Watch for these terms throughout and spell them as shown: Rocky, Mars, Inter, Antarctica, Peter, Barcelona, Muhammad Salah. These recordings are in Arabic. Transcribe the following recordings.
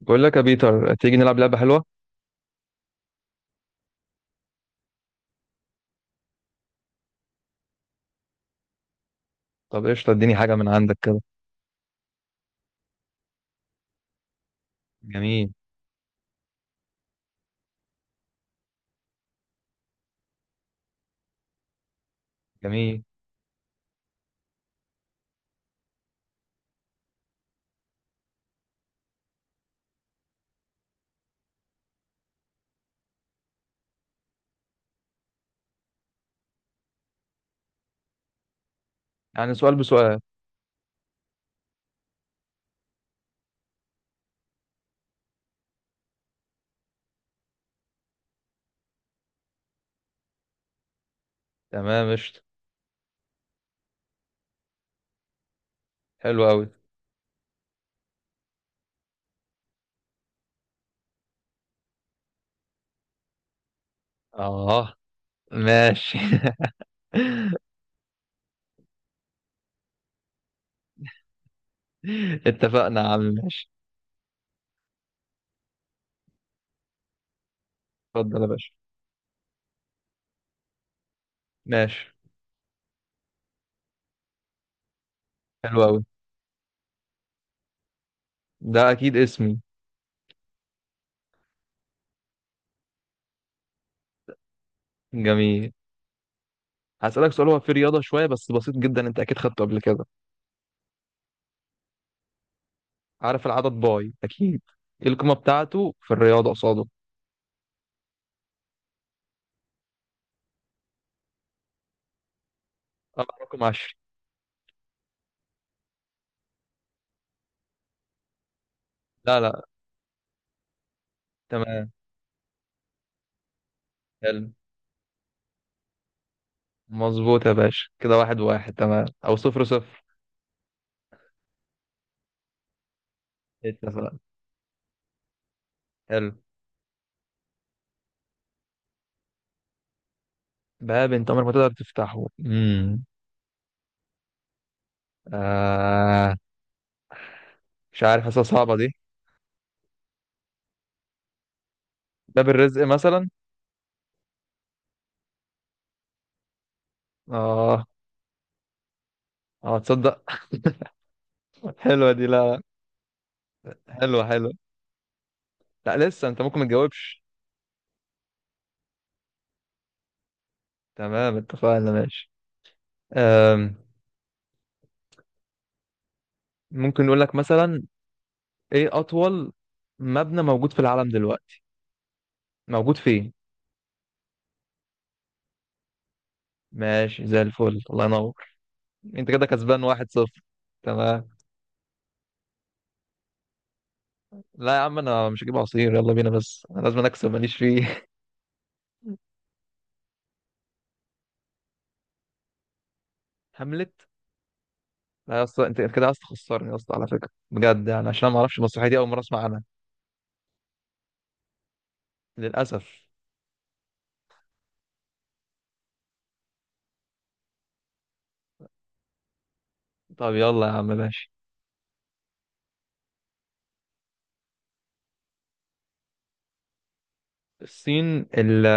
بقول لك يا بيتر، تيجي نلعب لعبة حلوة. طب قشطة اديني حاجة من عندك كده. جميل. جميل، يعني سؤال بسؤال. تمام قشطة. حلو أوي. اه ماشي اتفقنا يا عم ماشي. اتفضل يا باشا ماشي. حلو أوي. ده أكيد اسمي. جميل. هسألك سؤال، هو في رياضة شوية بس بسيط جدا، انت أكيد خدته قبل كده. عارف العدد باي أكيد؟ ايه القيمة بتاعته في الرياضة قصاده؟ اه رقم 10. لا لا. تمام. حلو. مظبوط يا باشا، كده 1-1 تمام او 0-0. اتفقنا. حلو. باب انت عمرك ما تقدر تفتحه، آه مش عارف، حاسسها صعبة دي. باب الرزق مثلا. اه، اه، تصدق. حلوة دي، لا لا. حلوة حلوة. لا لسه انت ممكن ما تجاوبش. تمام اتفقنا ماشي. آم. ممكن نقول لك مثلا، ايه اطول مبنى موجود في العالم دلوقتي، موجود فين؟ ماشي زي الفل الله ينور. انت كده كسبان 1-0. تمام. لا يا عم انا مش هجيب عصير يلا بينا، بس انا لازم اكسب ماليش فيه. هاملت. لا يا اسطى انت كده عايز تخسرني يا اسطى، على فكره بجد يعني عشان انا ما اعرفش المسرحيه دي، اول مره اسمع عنها. للاسف. طب يلا يا عم ماشي. الصين اللي...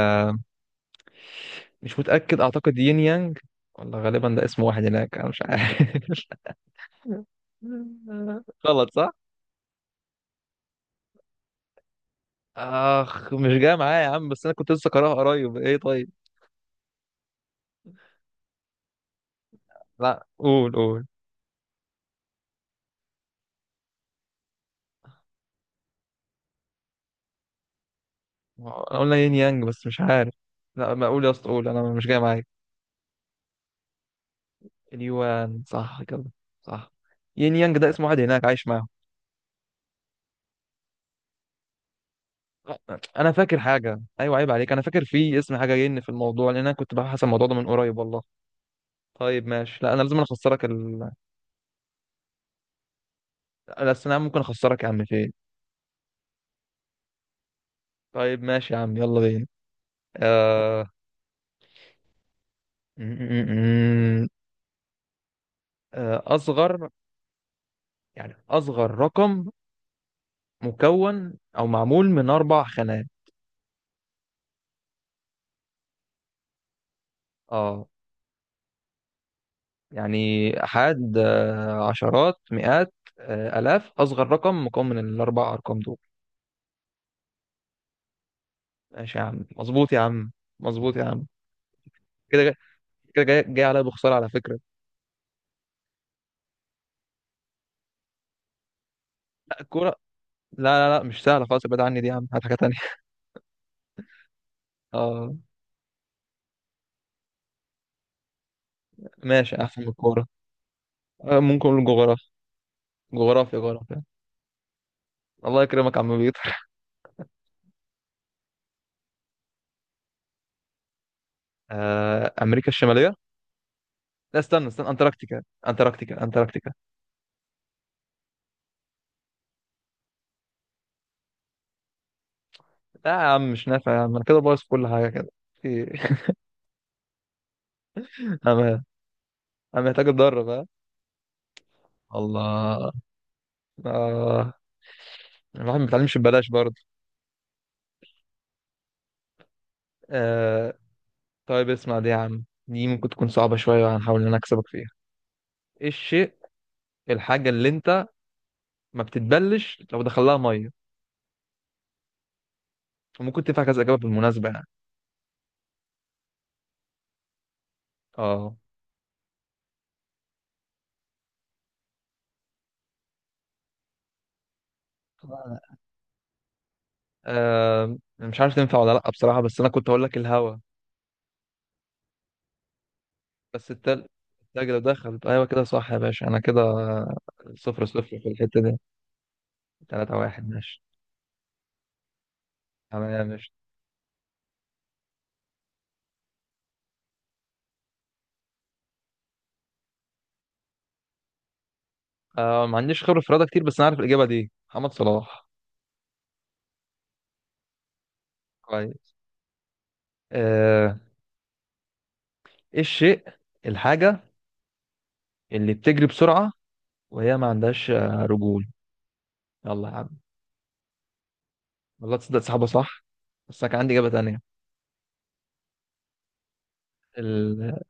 مش متاكد، اعتقد يين يانج. والله غالبا ده اسم واحد هناك، انا مش عارف. غلط صح. اخ مش جاي معايا يا عم، بس انا كنت لسه قراها قريب، ايه طيب. لا، قول قول. انا قلنا يين يانج بس مش عارف. لا ما اقول يا اسطى قول انا مش جاي معايا. اليوان صح كده. صح. يين يانج ده اسم واحد هناك عايش معاهم. انا فاكر حاجه ايوه عيب عليك، انا فاكر في اسم حاجه ين في الموضوع، لان انا كنت ببحث عن الموضوع ده من قريب والله. طيب ماشي، لا انا لازم اخسرك ال... لا أصل انا ممكن اخسرك يا عم فين. طيب ماشي يا عم يلا بينا. آه... م- م- م- اصغر، يعني اصغر رقم مكون او معمول من 4 خانات. اه. يعني أحاد، عشرات مئات، آلاف، أصغر رقم مكون من الأربع أرقام دول. ماشي يا عم مظبوط يا عم. مظبوط يا عم. كده جاي- كده جاي عليا بخسارة على فكرة. لا الكورة. لا لا لا مش سهلة خالص، ابعد عني دي يا عم، هات حاجة تانية اه ماشي أحسن من الكورة. ممكن نقول جغرافيا. جغرافيا جغرافيا. الله يكرمك يا عم بيطر. أمريكا الشمالية. لا استنى استنى، أنتاركتيكا أنتاركتيكا أنتاركتيكا. لا يا عم مش نافع يا عم، أنا كده بايظ في كل حاجة كده في- أنا أنا محتاج أتدرب ها. الله. آه. الواحد ما بيتعلمش ببلاش برضه. آه طيب اسمع دي يا عم، دي ممكن تكون صعبة شوية، هنحاول إن أنا أكسبك فيها. إيه الشيء، الحاجة اللي أنت ما بتتبلش لو دخلها مية، وممكن تنفع كذا إجابة بالمناسبة يعني. آه. مش عارف تنفع ولا لأ بصراحة، بس أنا كنت هقول لك الهوا. بس التلج لو دخل أيوة كده صح يا باشا، أنا كده 0-0 في الحتة دي. 3-1 ماشي. تمام ماشي. ما عنديش خبرة في الرياضة كتير، بس أنا عارف الإجابة دي، محمد صلاح. كويس. آه ايه الشيء، الحاجة اللي بتجري بسرعة، وهي ما عندهاش رجول. يلا يا عم. والله تصدق صاحبة صح، بس أنا كان عندي إجابة تانية. ال...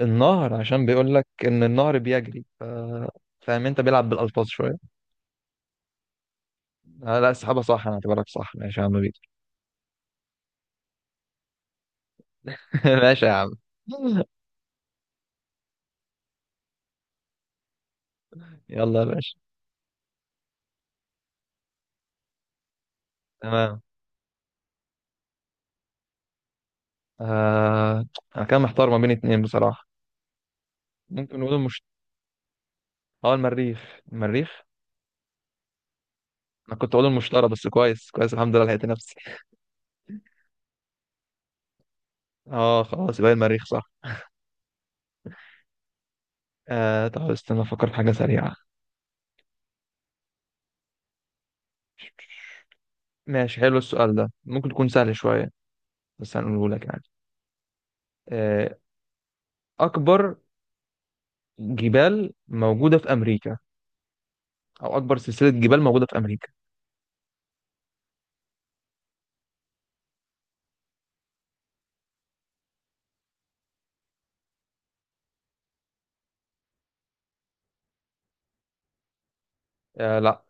النهر، عشان بيقول لك إن النهر بيجري فاهم، أنت بيلعب بالألفاظ شوية. آه لا صاحبة صح، أنا اعتبرك صح ماشي يا عم بيك. ماشي يا عم. يلا يا باشا. تمام. آه... أنا كان محتار ما بين اتنين بصراحة. ممكن نقول المريخ المريخ. أنا كنت أقول المشتري، بس كويس كويس الحمد لله لقيت نفسي. خلاص يبقى المريخ صح. طب استنى افكر في حاجة سريعة. ماشي حلو السؤال ده ممكن تكون سهل شوية، بس هنقوله لك يعني. آه أكبر جبال موجودة في أمريكا، أو أكبر سلسلة جبال موجودة في أمريكا. آه لا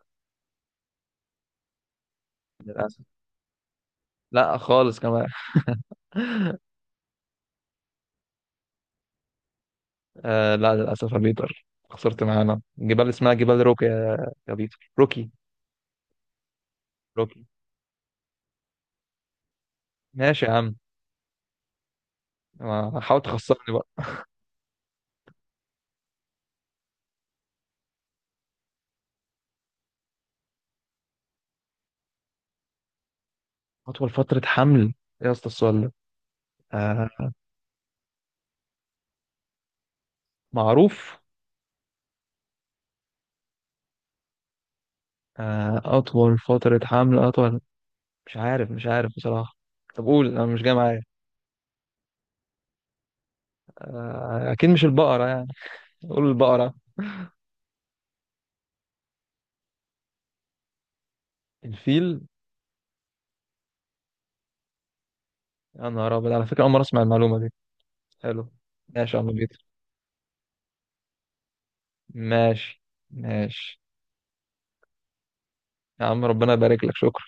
للأسف. لا خالص كمان. آه لا للأسف يا بيتر، خسرت معانا، جبال اسمها جبال روكي، يا بيتر روكي. روكي. ماشي يا عم. حاول تخسرني بقى. أطول فترة حمل، إيه يا اسطى السؤال ده؟ آه معروف. أطول فترة حمل أطول. مش عارف مش عارف بصراحة. طب قول انا مش جاي معايا. اكيد مش البقرة يعني. قول البقرة. الفيل. يا نهار ابيض، على فكرة اول مرة اسمع المعلومة دي. حلو. ماشي يا عم بيتر. ماشي. ماشي يا عم ربنا يبارك لك شكرا.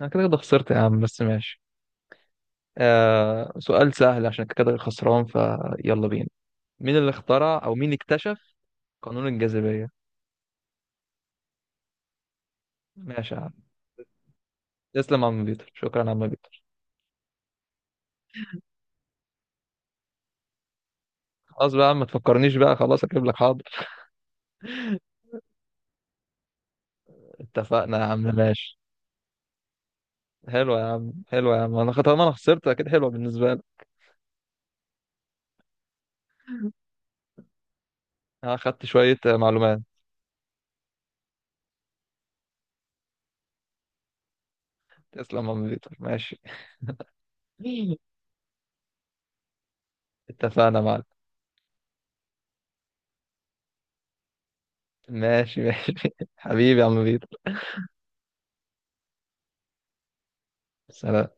انا كده كده خسرت يا عم، بس ماشي. سؤال سهل عشان كده خسران، فيلا بينا. مين اللي اخترع او مين اكتشف قانون الجاذبية؟ ماشي يا عم. تسلم يا عم بيتر، شكرا يا عم بيتر. خلاص بقى يا عم ما تفكرنيش بقى، خلاص اجيب لك حاضر. اتفقنا يا عم ماشي. حلوة يا عم حلوة يا عم، طالما انا خسرت اكيد حلوة بالنسبة لي. انا اخدت شوية معلومات. تسلم يا عم بيتر ماشي. اتفقنا يا معلم. ماشي ماشي حبيبي يا عم بيتر. سلام.